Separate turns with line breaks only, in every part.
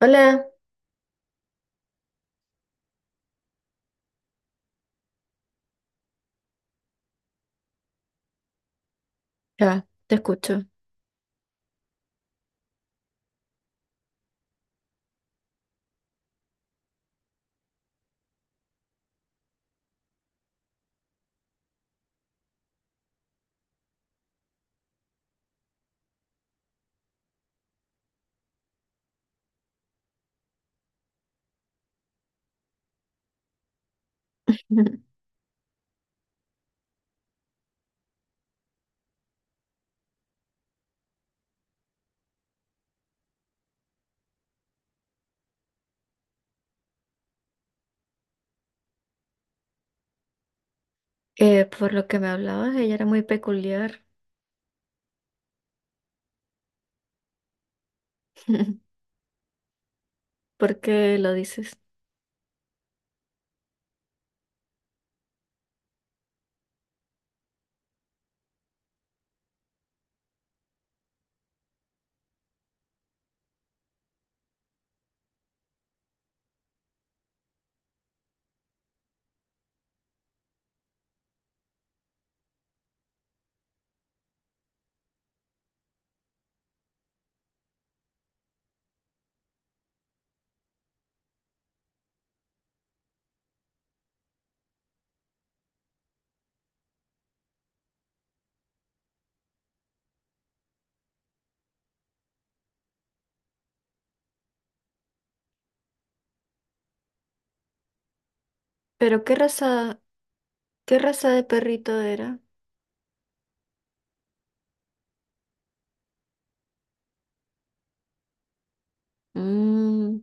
Hola, ya, te escucho. Por lo que me hablabas, ella era muy peculiar. ¿Por qué lo dices? Pero qué raza de perrito era? Mm,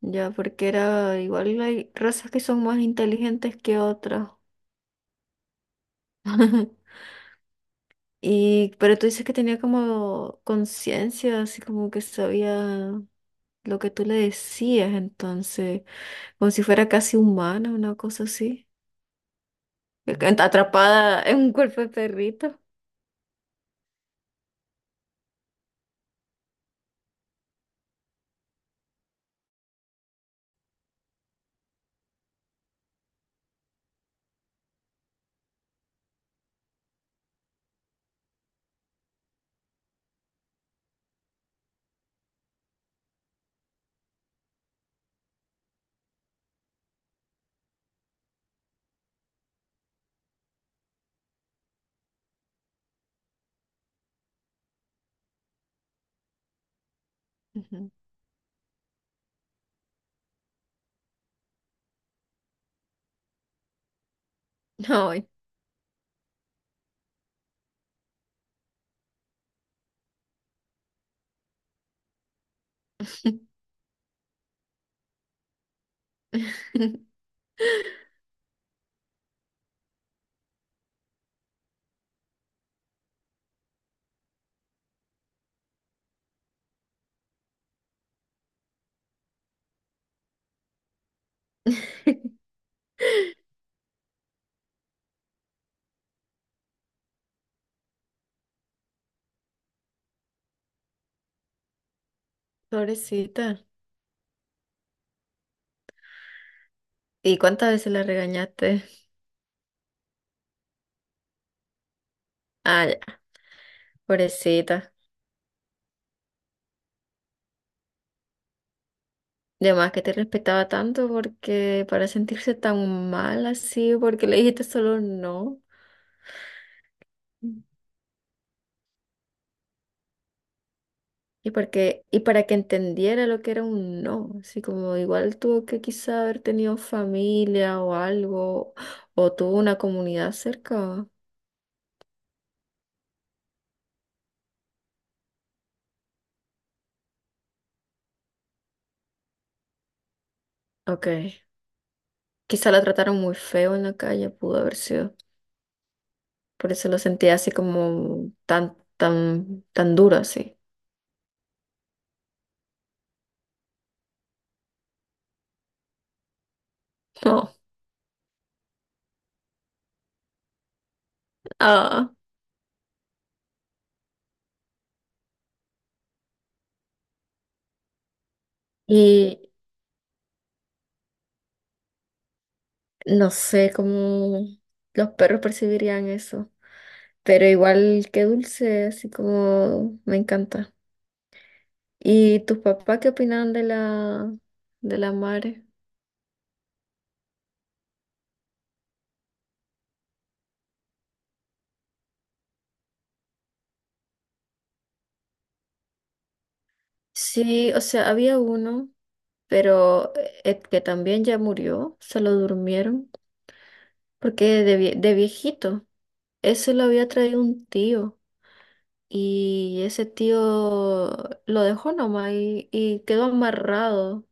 ya, porque era igual hay razas que son más inteligentes que otras. Y, pero tú dices que tenía como conciencia, así como que sabía lo que tú le decías, entonces, como si fuera casi humana, una cosa así. Atrapada en un cuerpo de perrito. Ujú. Ay. Pobrecita. ¿Y cuántas veces la regañaste? Ah, ya, pobrecita. De más que te respetaba tanto porque para sentirse tan mal así, porque le dijiste solo no. Mm. Y porque, y para que entendiera lo que era un no, así como igual tuvo que quizá haber tenido familia o algo, o tuvo una comunidad cerca. Ok. Quizá la trataron muy feo en la calle, pudo haber sido. Por eso lo sentí así como tan, tan, tan duro así. No. Ah. Y no sé cómo los perros percibirían eso. Pero igual que dulce, así como me encanta. ¿Y tus papás qué opinaban de la madre? Sí, o sea, había uno, pero que también ya murió, se lo durmieron, porque de, de viejito, eso lo había traído un tío. Y ese tío lo dejó nomás y quedó amarrado.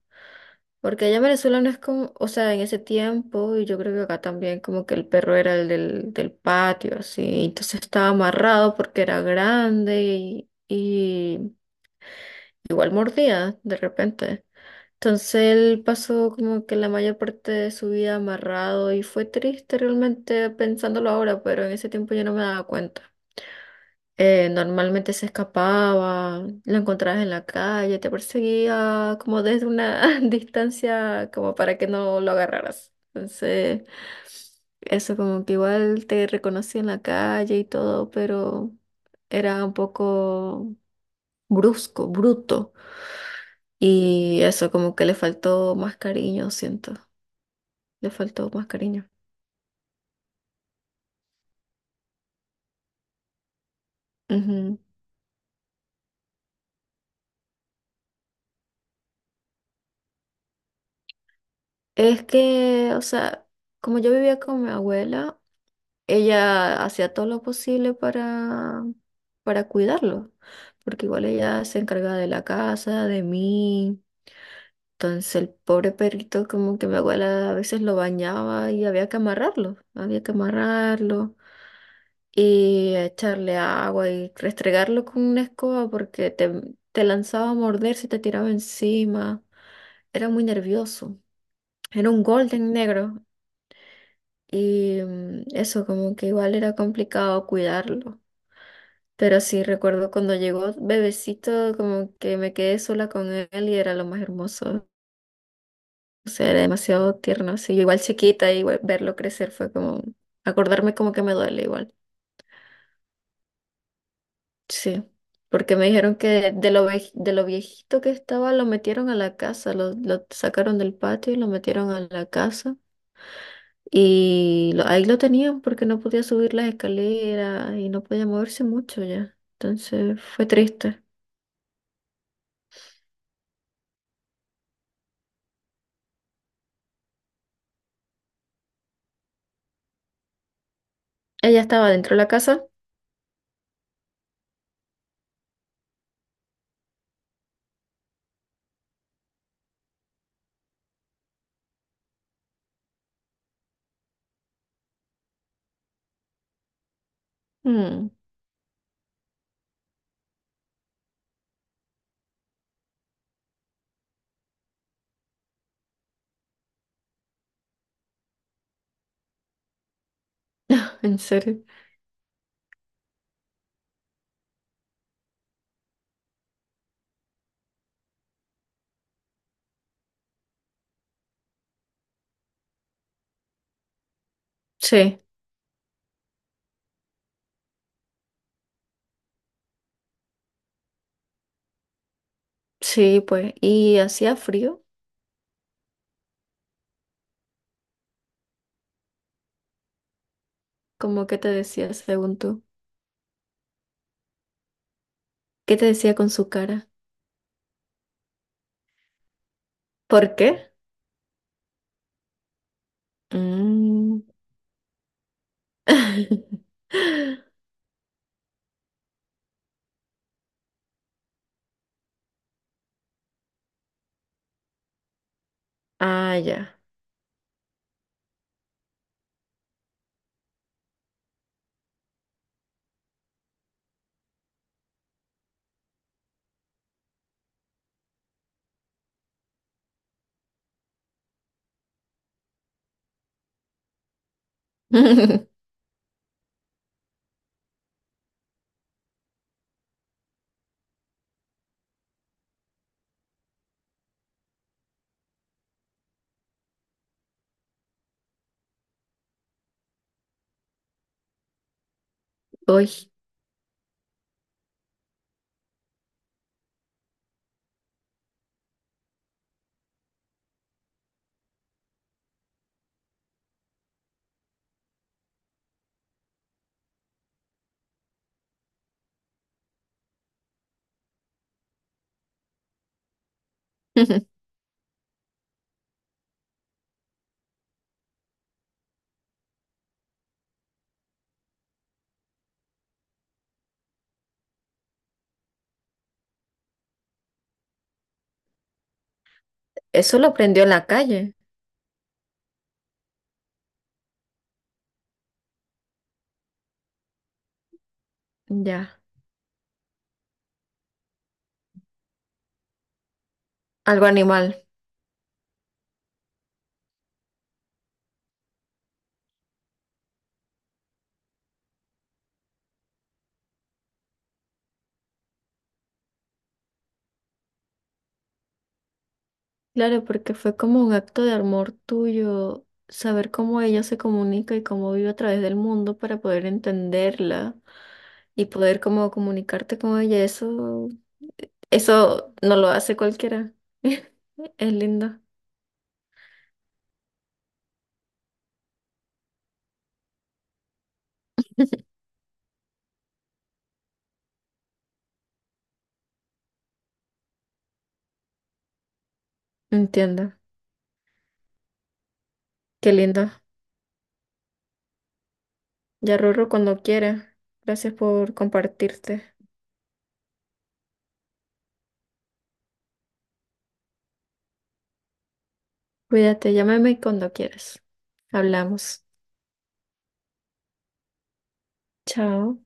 Porque allá en Venezuela no es como, o sea, en ese tiempo, y yo creo que acá también, como que el perro era del patio, así. Entonces estaba amarrado porque era grande y igual mordía de repente. Entonces él pasó como que la mayor parte de su vida amarrado y fue triste realmente pensándolo ahora, pero en ese tiempo yo no me daba cuenta. Normalmente se escapaba, lo encontrabas en la calle, te perseguía como desde una distancia como para que no lo agarraras. Entonces, eso como que igual te reconocía en la calle y todo, pero era un poco brusco, bruto. Y eso como que le faltó más cariño, siento, le faltó más cariño. Ujú. Es que, o sea, como yo vivía con mi abuela, ella hacía todo lo posible para cuidarlo, porque igual ella se encargaba de la casa, de mí. Entonces el pobre perrito como que mi abuela a veces lo bañaba y había que amarrarlo y echarle agua y restregarlo con una escoba porque te lanzaba a morder si te tiraba encima. Era muy nervioso. Era un golden negro y mm, eso como que igual era complicado cuidarlo. Pero sí, recuerdo cuando llegó bebecito, como que me quedé sola con él y era lo más hermoso. O sea, era demasiado tierno. Sí, yo igual chiquita, igual verlo crecer fue como, acordarme como que me duele igual. Sí, porque me dijeron que de lo, de lo viejito que estaba lo metieron a la casa, lo sacaron del patio y lo metieron a la casa. Y ahí lo tenían porque no podía subir las escaleras y no podía moverse mucho ya. Entonces fue triste. Ella estaba dentro de la casa. Mm. ¿En serio? Sí, sí, pues. ¿Y hacía frío? ¿Cómo que te decía según tú? ¿Qué te decía con su cara? ¿Por qué? Mm. Ah, ya. Uy. Eso lo aprendió en la calle. Ya. Algo animal. Claro, porque fue como un acto de amor tuyo, saber cómo ella se comunica y cómo vive a través del mundo para poder entenderla y poder como comunicarte con ella. Eso. Eso no lo hace cualquiera. Es lindo. Entiendo. Qué lindo. Ya Rorro cuando quiera. Gracias por compartirte. Cuídate, llámame cuando quieras. Hablamos. Chao.